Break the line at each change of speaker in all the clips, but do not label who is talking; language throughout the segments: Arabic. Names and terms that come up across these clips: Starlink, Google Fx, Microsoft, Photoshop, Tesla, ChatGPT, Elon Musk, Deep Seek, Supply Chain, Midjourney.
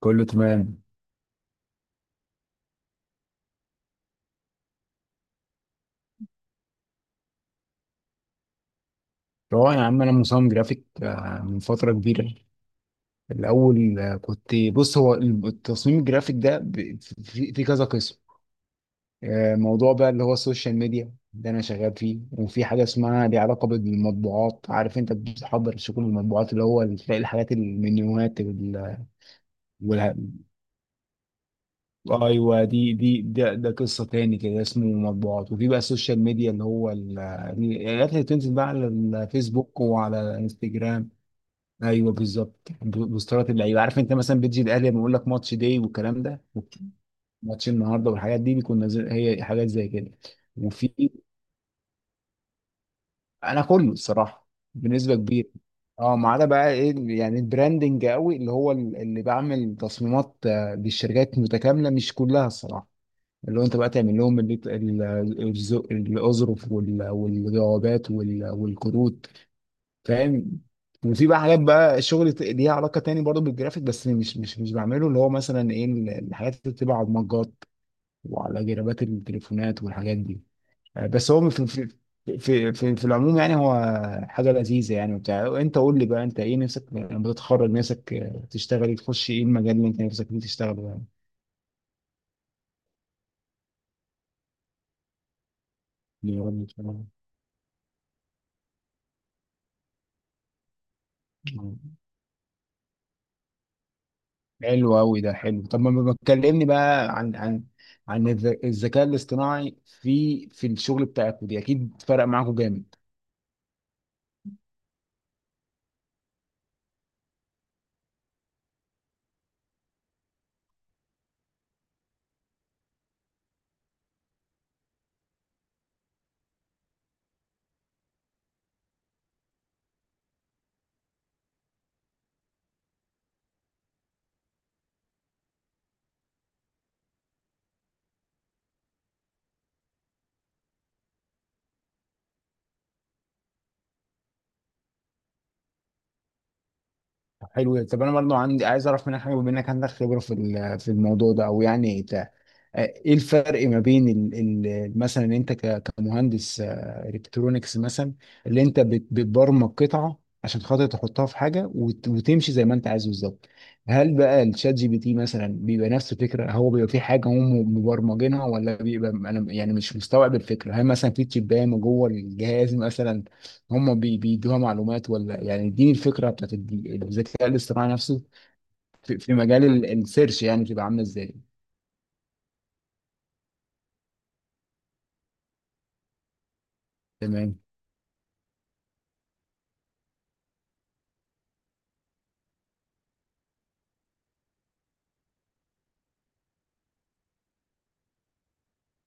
كله تمام. هو يا عم انا مصمم جرافيك، من فتره كبيره. الاول، كنت بص، هو التصميم الجرافيك ده في كذا قسم. موضوع بقى اللي هو السوشيال ميديا ده انا شغال فيه، وفي حاجه اسمها، ليها علاقه بالمطبوعات، عارف انت بتحضر شغل المطبوعات، اللي هو تلاقي الحاجات المنيوهات وال... ايوه، دي ده قصه تاني كده اسمه مطبوعات. وفي بقى السوشيال ميديا اللي هو الحاجات اللي بتنزل بقى على الفيسبوك وعلى انستجرام. ايوه بالظبط، بوسترات اللعيبه، عارف انت مثلا بتجي الاهلي لما يقول لك ماتش داي والكلام ده. ماتش النهارده والحاجات دي بيكون نازل، هي حاجات زي كده. وفي، انا كله الصراحه بنسبه كبيره. اه، ما عدا بقى ايه يعني البراندنج قوي، اللي هو اللي بعمل تصميمات للشركات متكامله، مش كلها الصراحه. اللي هو انت بقى تعمل لهم الاظرف والجوابات والكروت. فاهم. وفي بقى حاجات بقى شغل ليها علاقه تاني برضو بالجرافيك، بس مش بعمله، اللي هو مثلا ايه الحاجات اللي بتبقى على المجات وعلى جرابات التليفونات والحاجات دي. بس هو في العموم يعني، هو حاجه لذيذه يعني وبتاع. انت قول لي بقى، انت ايه نفسك لما تتخرج؟ نفسك تشتغل إيه؟ تخش ايه المجال اللي انت نفسك فيه تشتغل يعني؟ اللي يا رب تشتغله. حلو قوي ده، حلو. طب ما بتكلمني بقى عن الذكاء الاصطناعي في الشغل بتاعكم دي، اكيد فرق معاكم جامد. طب حلو ده. طب انا برضه عندي، عايز اعرف منك حاجه بما انك عندك خبره في الموضوع ده. او يعني ايه الفرق ما بين مثلا انت كمهندس الكترونيكس مثلا، اللي انت بتبرمج قطعه عشان خاطر تحطها في حاجه وتمشي زي ما انت عايز بالظبط. هل بقى الشات جي بي تي مثلا بيبقى نفس الفكره؟ هو بيبقى في حاجه هم مبرمجينها، ولا بيبقى انا يعني مش مستوعب الفكره. هل مثلا في تشيبان جوه الجهاز مثلا هم بيدوها معلومات؟ ولا يعني اديني الفكره بتاعت الذكاء الاصطناعي نفسه في مجال السيرش، يعني بتبقى عامله ازاي؟ تمام.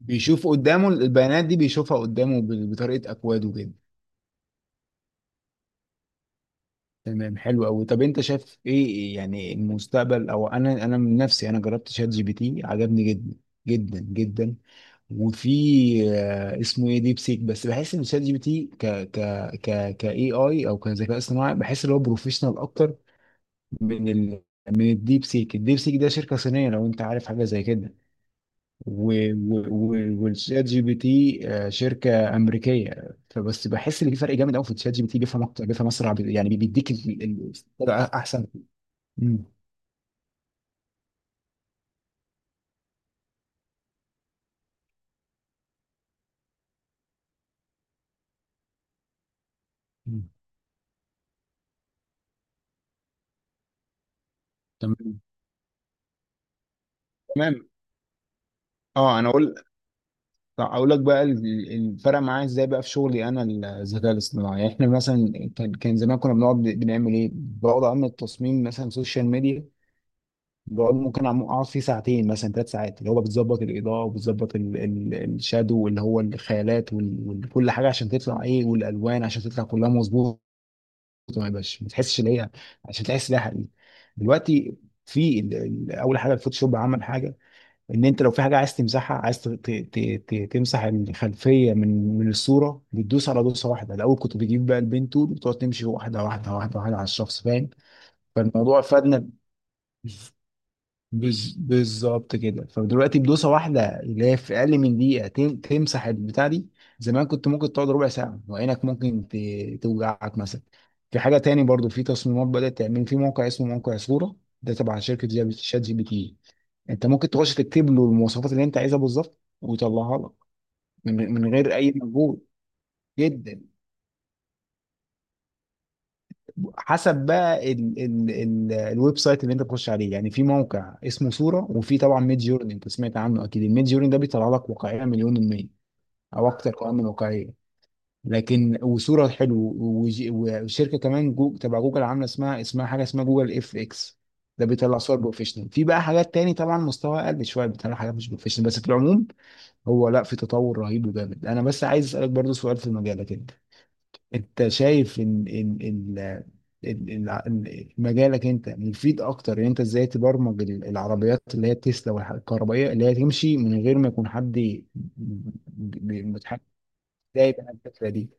بيشوف قدامه البيانات دي، بيشوفها قدامه بطريقة أكواد وكده. تمام، حلو أوي. طب أنت شايف إيه يعني المستقبل؟ أو أنا من نفسي، أنا جربت شات جي بي تي، عجبني جدا جدا جدا. وفي، اسمه إيه، ديب سيك. بس بحس إن شات جي بي تي ك إي آي، أو كذكاء اصطناعي، بحس إن هو بروفيشنال أكتر من ال من الديب سيك. الديب سيك ده شركة صينية، لو أنت عارف حاجة زي كده. والشات جي بي تي شركه امريكيه. فبس بحس ان في فرق جامد قوي، في الشات جي بي تي بيفهم اكتر، بيفهم اسرع، يعني بيديك الطريقة احسن. مم. مم. تمام. تمام. اه انا اقول، طب اقول لك بقى الفرق معايا ازاي بقى في شغلي انا؟ الذكاء الاصطناعي، يعني احنا مثلا كان زمان كنا بنقعد بنعمل ايه؟ بقعد اعمل تصميم مثلا سوشيال ميديا. بقعد ممكن اقعد فيه ساعتين مثلا، ثلاث ساعات، اللي هو بتظبط الاضاءه وبتظبط الشادو اللي هو الخيالات وكل حاجه عشان تطلع ايه، والالوان عشان تطلع كلها مظبوطه، ما يبقاش، ما تحسش ان هي، عشان تحس انها حقيقي. دلوقتي في، اول حاجه الفوتوشوب عمل حاجه، ان انت لو في حاجه عايز تمسحها، عايز تمسح الخلفيه من الصوره، بتدوس على دوسه واحده. الاول كنت بتجيب بقى البين تول وتقعد تمشي واحده على الشخص، فاهم؟ فالموضوع فادنا بالظبط كده. فدلوقتي بدوسه واحده، اللي هي في اقل من دقيقه تمسح البتاع دي. زمان كنت ممكن تقعد ربع ساعه وعينك ممكن توجعك مثلا. في حاجه تاني برضو في تصميمات، بدات تعمل في موقع اسمه موقع صوره، ده تبع شركه شات جي بي تي. انت ممكن تخش تكتب له المواصفات اللي انت عايزها بالظبط ويطلعها لك من غير اي مجهود. جدا. حسب بقى ال الويب سايت اللي انت بتخش عليه يعني. في موقع اسمه صورة، وفي طبعا ميد جورني، انت سمعت عنه اكيد. الميد جورني ده بيطلع لك واقعية مليون المية او اكتر، كمان من واقعية. لكن وصورة حلو، وشركة كمان جو تبع جوجل عاملة اسمها، اسمها حاجة اسمها جوجل اف اكس. ده بيطلع صور بروفيشنال. في بقى حاجات تاني طبعا مستوى اقل شوية، بيطلع حاجات مش بروفيشنال. بس في العموم هو، لا، في تطور رهيب وجامد. انا بس عايز اسألك برضو سؤال في المجال ده كده، انت شايف ان ان ال- ال- مجالك انت مفيد اكتر؟ ان انت ازاي تبرمج العربيات اللي هي التسلا والكهربائيه، اللي هي تمشي من غير ما يكون حد متحكم؟ ازاي بقى الفكره دي؟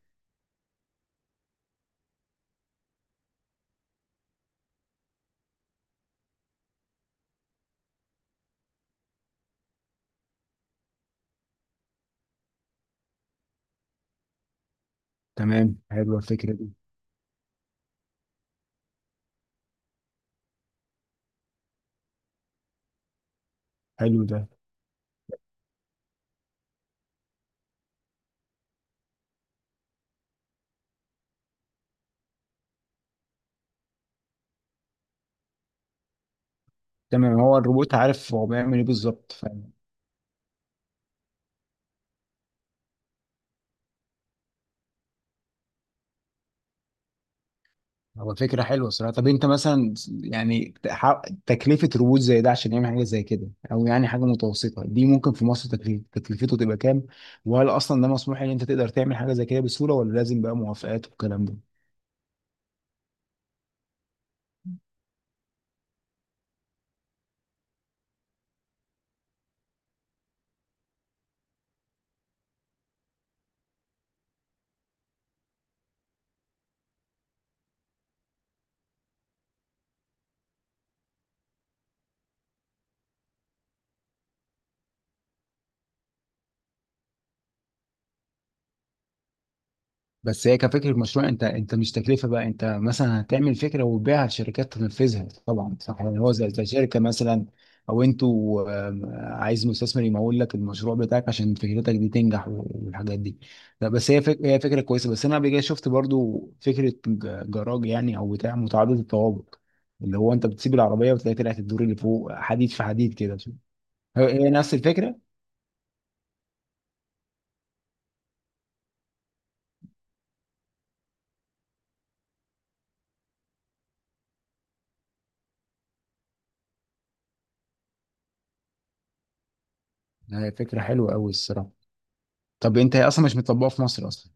تمام، حلوه الفكره دي. حلو ده. تمام. هو الروبوت عارف هو بيعمل ايه بالظبط؟ هو فكرة حلوة الصراحة. طب انت مثلا، يعني تكلفة روبوت زي ده عشان يعمل حاجة زي كده، او يعني حاجة متوسطة دي، ممكن في مصر تكليف تكلفته تبقى كام؟ وهل اصلا ده مسموح ان انت تقدر تعمل حاجة زي كده بسهولة، ولا لازم بقى موافقات والكلام ده؟ بس هي كفكرة مشروع، انت مش تكلفة بقى. انت مثلا هتعمل فكرة وتبيعها لشركات تنفذها طبعا، صح يعني، هو زي شركة مثلا، او انتوا عايز مستثمر يمول لك المشروع بتاعك عشان فكرتك دي تنجح والحاجات دي. لا بس هي فكرة كويسة. بس انا قبل كده شفت برضو فكرة جراج يعني، او بتاع متعدد الطوابق، اللي هو انت بتسيب العربية وتلاقي طلعت الدور اللي فوق، حديد في حديد كده. هي هي نفس الفكرة. هي فكرة حلوة قوي الصراحة. طب انت، هي اصلا مش مطبقة في مصر اصلا؟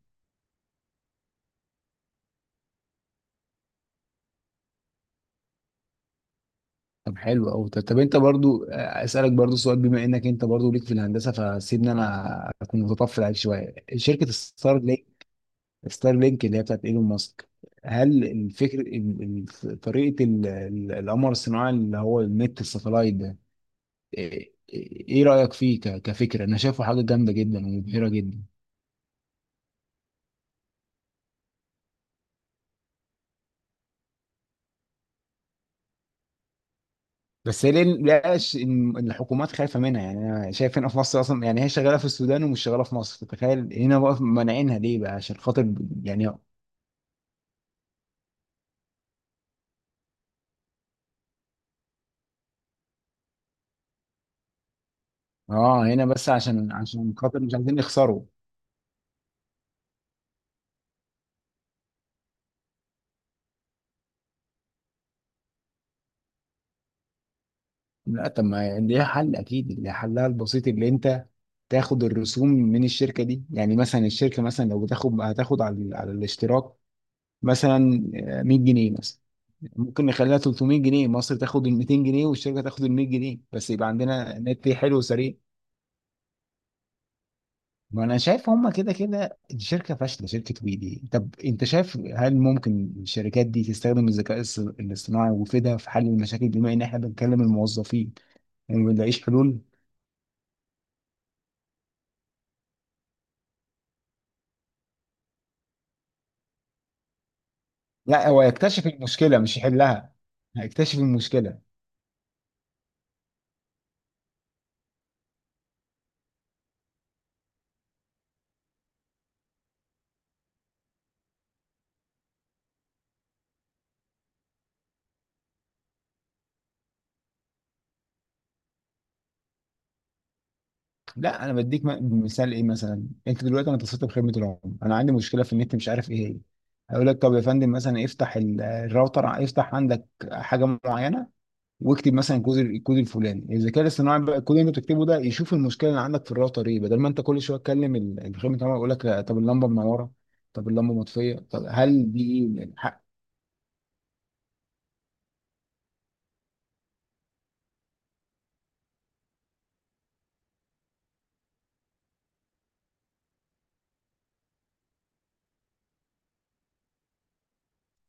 طب حلو قوي. طب, طب انت برضو اسالك برضو سؤال، بما انك انت برضو ليك في الهندسه، فسيبني انا اكون متطفل عليك شويه. شركه ستار لينك، ستار لينك اللي هي بتاعت ايلون ماسك، هل الفكر طريقه القمر الصناعي اللي هو النت الساتلايت ده، ايه ايه رايك فيه كفكره؟ انا شايفه حاجه جامده جدا ومبهره جدا. بس هي ليه لقاش ان الحكومات خايفه منها يعني؟ انا شايف هنا في مصر اصلا يعني، هي شغاله في السودان ومش شغاله في مصر، تخيل. هنا بقى مانعينها ليه بقى عشان خاطر يعني؟ اه، هنا بس عشان خاطر مش عايزين يخسروا. لا طب ما ليها حل، اكيد ليها حلها البسيط، اللي انت تاخد الرسوم من الشركه دي يعني. مثلا الشركه، مثلا لو بتاخد، هتاخد على على الاشتراك مثلا 100 جنيه مثلا. ممكن نخليها 300 جنيه، مصر تاخد ال 200 جنيه والشركه تاخد ال 100 جنيه، بس يبقى عندنا نت حلو وسريع. ما انا شايف هما كده كده الشركه فاشله شركه ويدي. طب انت شايف هل ممكن الشركات دي تستخدم الذكاء الاصطناعي ويفيدها في حل المشاكل، بما ان احنا بنكلم الموظفين وما بنلاقيش حلول؟ لا هو يكتشف المشكله مش يحلها. هيكتشف المشكله. لا انا بديك مثال ايه مثلا. انت دلوقتي، انا اتصلت بخدمه العملاء، انا عندي مشكله في النت مش عارف ايه هي. هيقول لك طب يا فندم مثلا افتح الراوتر، افتح عندك حاجه معينه، واكتب مثلا الكود. الكود الفلاني الذكاء الاصطناعي بقى، الكود اللي انت بتكتبه ده يشوف المشكله اللي عندك في الراوتر ايه، بدل ما انت كل شويه تكلم الخدمه العملاء، يقول لك لا، طب اللمبه منوره، طب اللمبه مطفيه، طب هل دي ايه حق.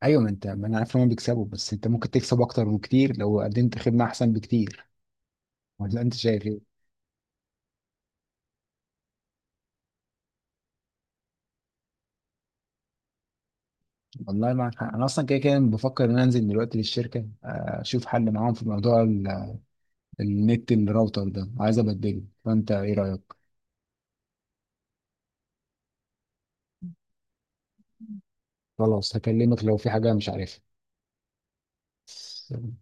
ايوه، ما انت، ما انا عارف ان هم بيكسبوا. بس انت ممكن تكسب اكتر بكتير لو قدمت خدمه احسن بكتير، ولا انت شايف ايه؟ والله معك حق. انا اصلا كده كده بفكر ان أنا انزل دلوقتي للشركه، اشوف حل معاهم في موضوع النت. الراوتر ده عايز ابدله، فانت ايه رايك؟ خلاص هكلمك لو في حاجه مش عارفها.